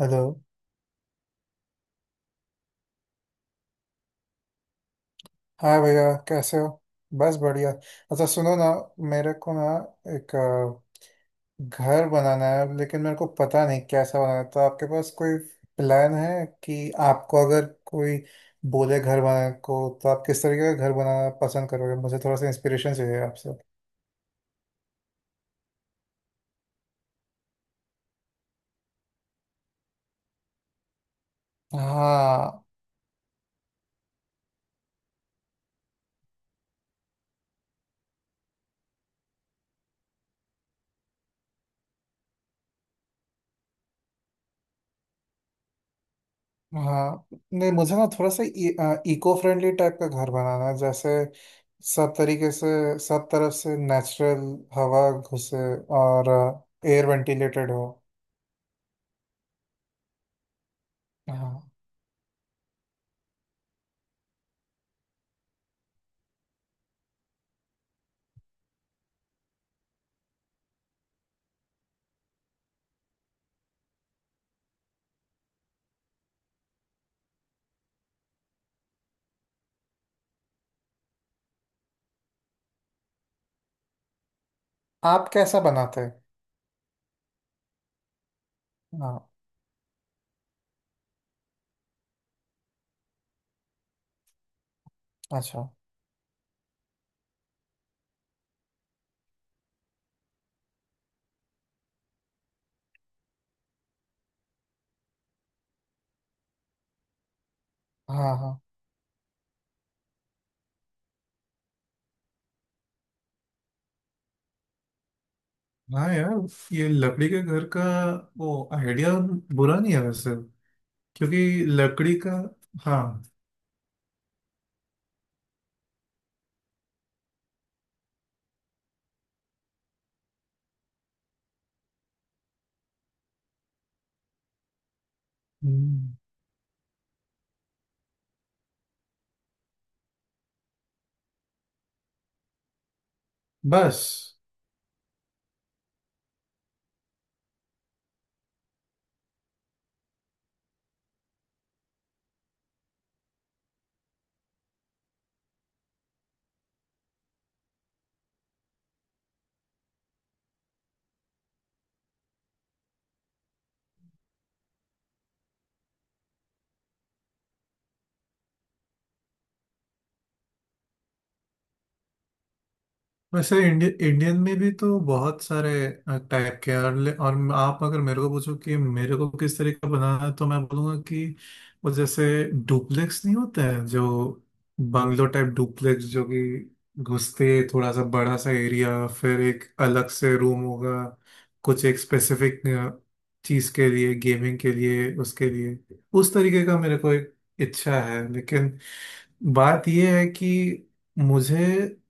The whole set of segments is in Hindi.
हेलो। हाँ भैया, कैसे हो? बस बढ़िया। अच्छा सुनो ना, मेरे को ना एक घर बनाना है, लेकिन मेरे को पता नहीं कैसा बनाना है। तो आपके पास कोई प्लान है कि आपको अगर कोई बोले घर बनाने को, तो आप किस तरीके का घर बनाना पसंद करोगे? मुझे थोड़ा सा इंस्पिरेशन चाहिए आपसे। हाँ। हाँ, नहीं, मुझे ना थोड़ा सा इको फ्रेंडली टाइप का घर बनाना है। जैसे सब तरीके से, सब तरफ से नेचुरल हवा घुसे। और एयर वेंटिलेटेड हो। हाँ, आप कैसा बनाते हैं? हाँ। अच्छा। हाँ हाँ। हाँ यार, ये लकड़ी के घर का वो आइडिया बुरा नहीं है वैसे, क्योंकि लकड़ी का। हाँ। हम्म, बस। वैसे इंडियन में भी तो बहुत सारे टाइप के हैं। और आप अगर मेरे को पूछो कि मेरे को किस तरह का बनाना है, तो मैं बोलूँगा कि वो जैसे डुप्लेक्स नहीं होते हैं जो, बंगलो टाइप डुप्लेक्स, जो कि घुसते थोड़ा सा बड़ा सा एरिया, फिर एक अलग से रूम होगा कुछ एक स्पेसिफिक चीज़ के लिए, गेमिंग के लिए, उसके लिए। उस तरीके का मेरे को एक इच्छा है। लेकिन बात यह है कि मुझे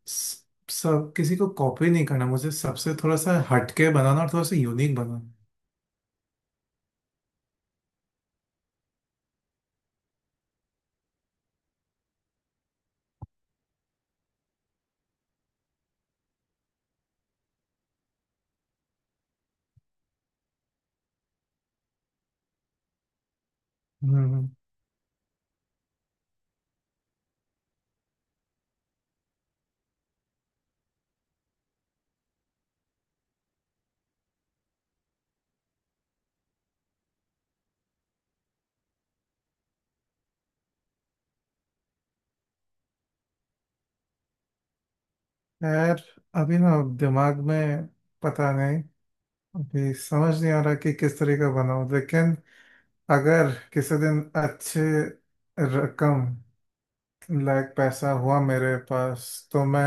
सब किसी को कॉपी नहीं करना। मुझे सबसे थोड़ा सा हटके बनाना और थोड़ा सा यूनिक बनाना। हम्म। यार, अभी ना दिमाग में पता नहीं। अभी समझ नहीं आ रहा कि किस तरह का बनाऊं। लेकिन अगर किसी दिन अच्छे रकम लायक पैसा हुआ मेरे पास, तो मैं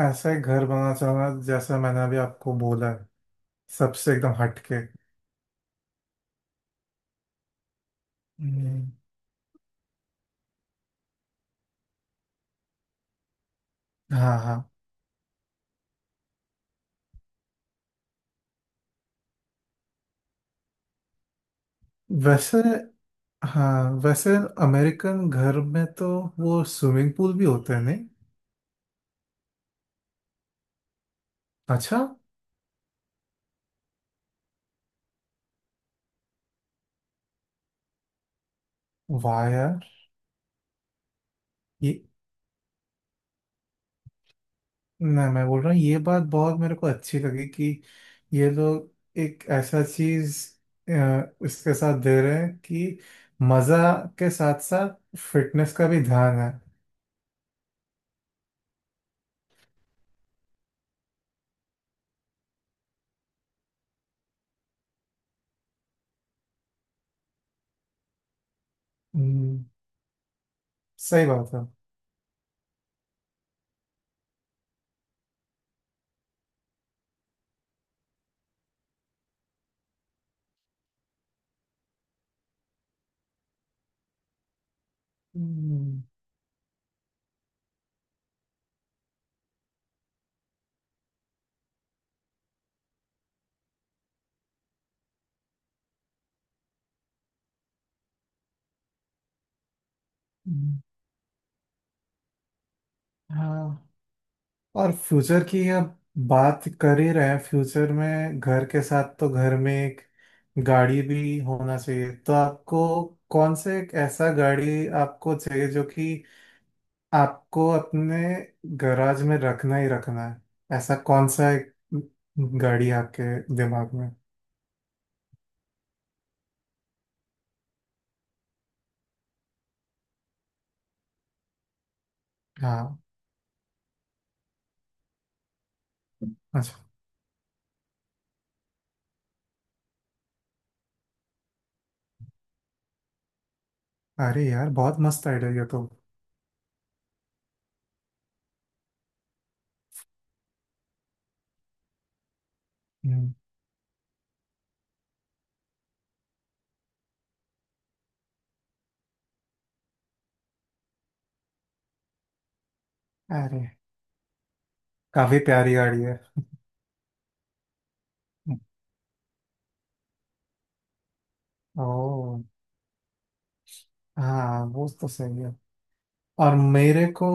ऐसा ही घर बनाना चाहूंगा जैसा मैंने अभी आपको बोला है। सबसे एकदम हटके। हम्म। हाँ हाँ। वैसे। हाँ, वैसे अमेरिकन घर में तो वो स्विमिंग पूल भी होते हैं नहीं? अच्छा। वाह यार। ये ना, मैं बोल रहा हूँ, ये बात बहुत मेरे को अच्छी लगी कि ये लोग एक ऐसा चीज इसके साथ दे रहे हैं कि मजा के साथ साथ फिटनेस का भी ध्यान है। हम्म, सही बात है। हम्म। हम्म। हाँ। और फ्यूचर की अब बात कर ही रहे हैं। फ्यूचर में घर के साथ, तो घर में एक गाड़ी भी होना चाहिए। तो आपको कौन से, एक ऐसा गाड़ी आपको चाहिए जो कि आपको अपने गैराज में रखना ही रखना है, ऐसा कौन सा एक गाड़ी है आपके दिमाग में? हाँ। अच्छा, अरे यार बहुत मस्त आइडिया ये तो। हम्म। अरे, काफी प्यारी गाड़ी है। ओ। हाँ वो तो सही है। और मेरे को,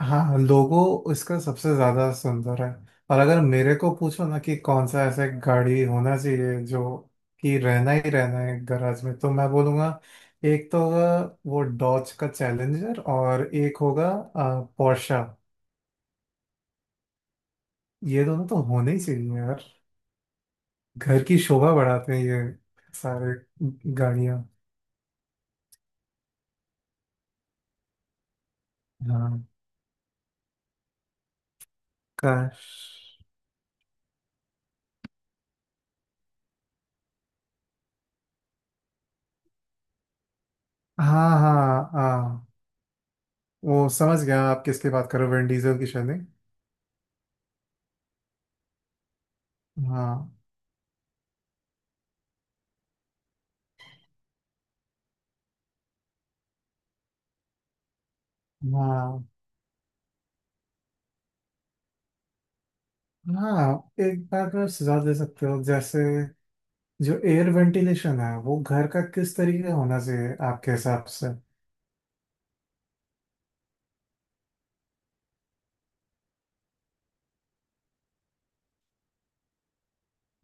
हाँ लोगो इसका सबसे ज्यादा सुंदर है। और अगर मेरे को पूछो ना कि कौन सा ऐसा गाड़ी होना चाहिए जो कि रहना ही रहना है गैराज में, तो मैं बोलूँगा एक तो होगा वो डॉज का चैलेंजर, और एक होगा पोर्शा। ये दोनों तो होने ही चाहिए यार। घर की शोभा बढ़ाते हैं ये सारे गाड़ियाँ। हाँ। काश। हाँ हाँ हाँ, वो समझ गया आप किसकी बात करो, विन डीजल की, शायद नहीं? हाँ। हाँ, हाँ एक बात में सुझाव दे सकते हो। जैसे जो एयर वेंटिलेशन है, वो घर का किस तरीके का होना चाहिए आपके हिसाब से?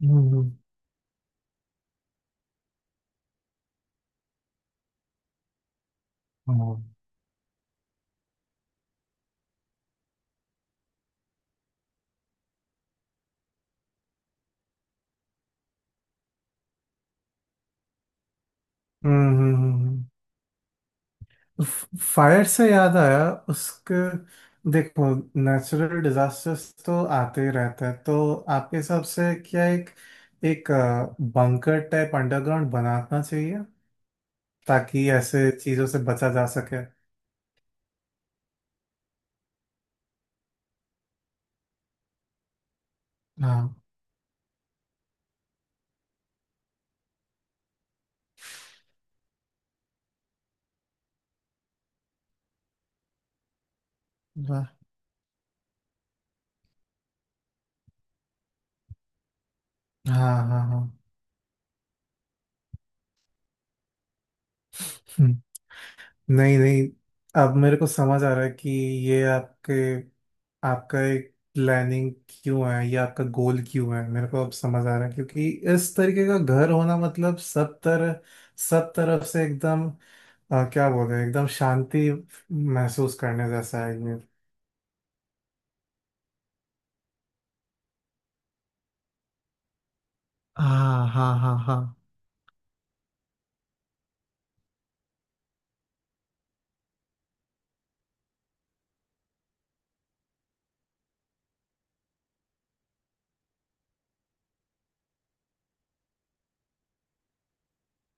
हम्म। हम्म। हम्म। फायर से याद आया उसके, देखो, नेचुरल डिजास्टर्स तो आते ही रहते हैं। तो आपके हिसाब से क्या एक, एक बंकर टाइप अंडरग्राउंड बनाना चाहिए ताकि ऐसे चीजों से बचा जा सके? हाँ। वाह। हाँ। हाँ हाँ। नहीं नहीं, अब मेरे को समझ आ रहा है कि ये आपके, आपका एक प्लानिंग क्यों है, ये आपका गोल क्यों है, मेरे को अब समझ आ रहा है। क्योंकि इस तरीके का घर होना मतलब सब तरह, सब तरफ से एकदम क्या बोल रहे हैं, एकदम शांति महसूस करने जैसा है ये। हाँ हाँ हाँ हाँ।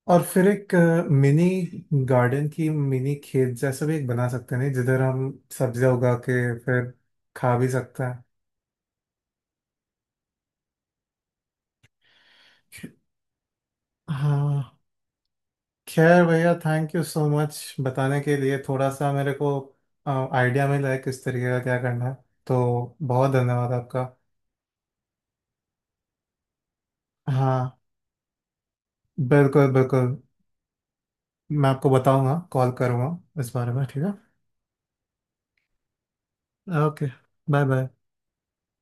और फिर एक मिनी गार्डन की, मिनी खेत जैसा भी एक बना सकते हैं नहीं, जिधर हम सब्जियां उगा के फिर खा भी सकते हैं। हाँ। खैर भैया, थैंक यू सो मच बताने के लिए। थोड़ा सा मेरे को आइडिया मिला है किस तरीके का क्या करना है। तो बहुत धन्यवाद आपका। हाँ, बिल्कुल बिल्कुल, मैं आपको बताऊंगा, कॉल करूंगा इस बारे में। ठीक है। Okay, bye bye.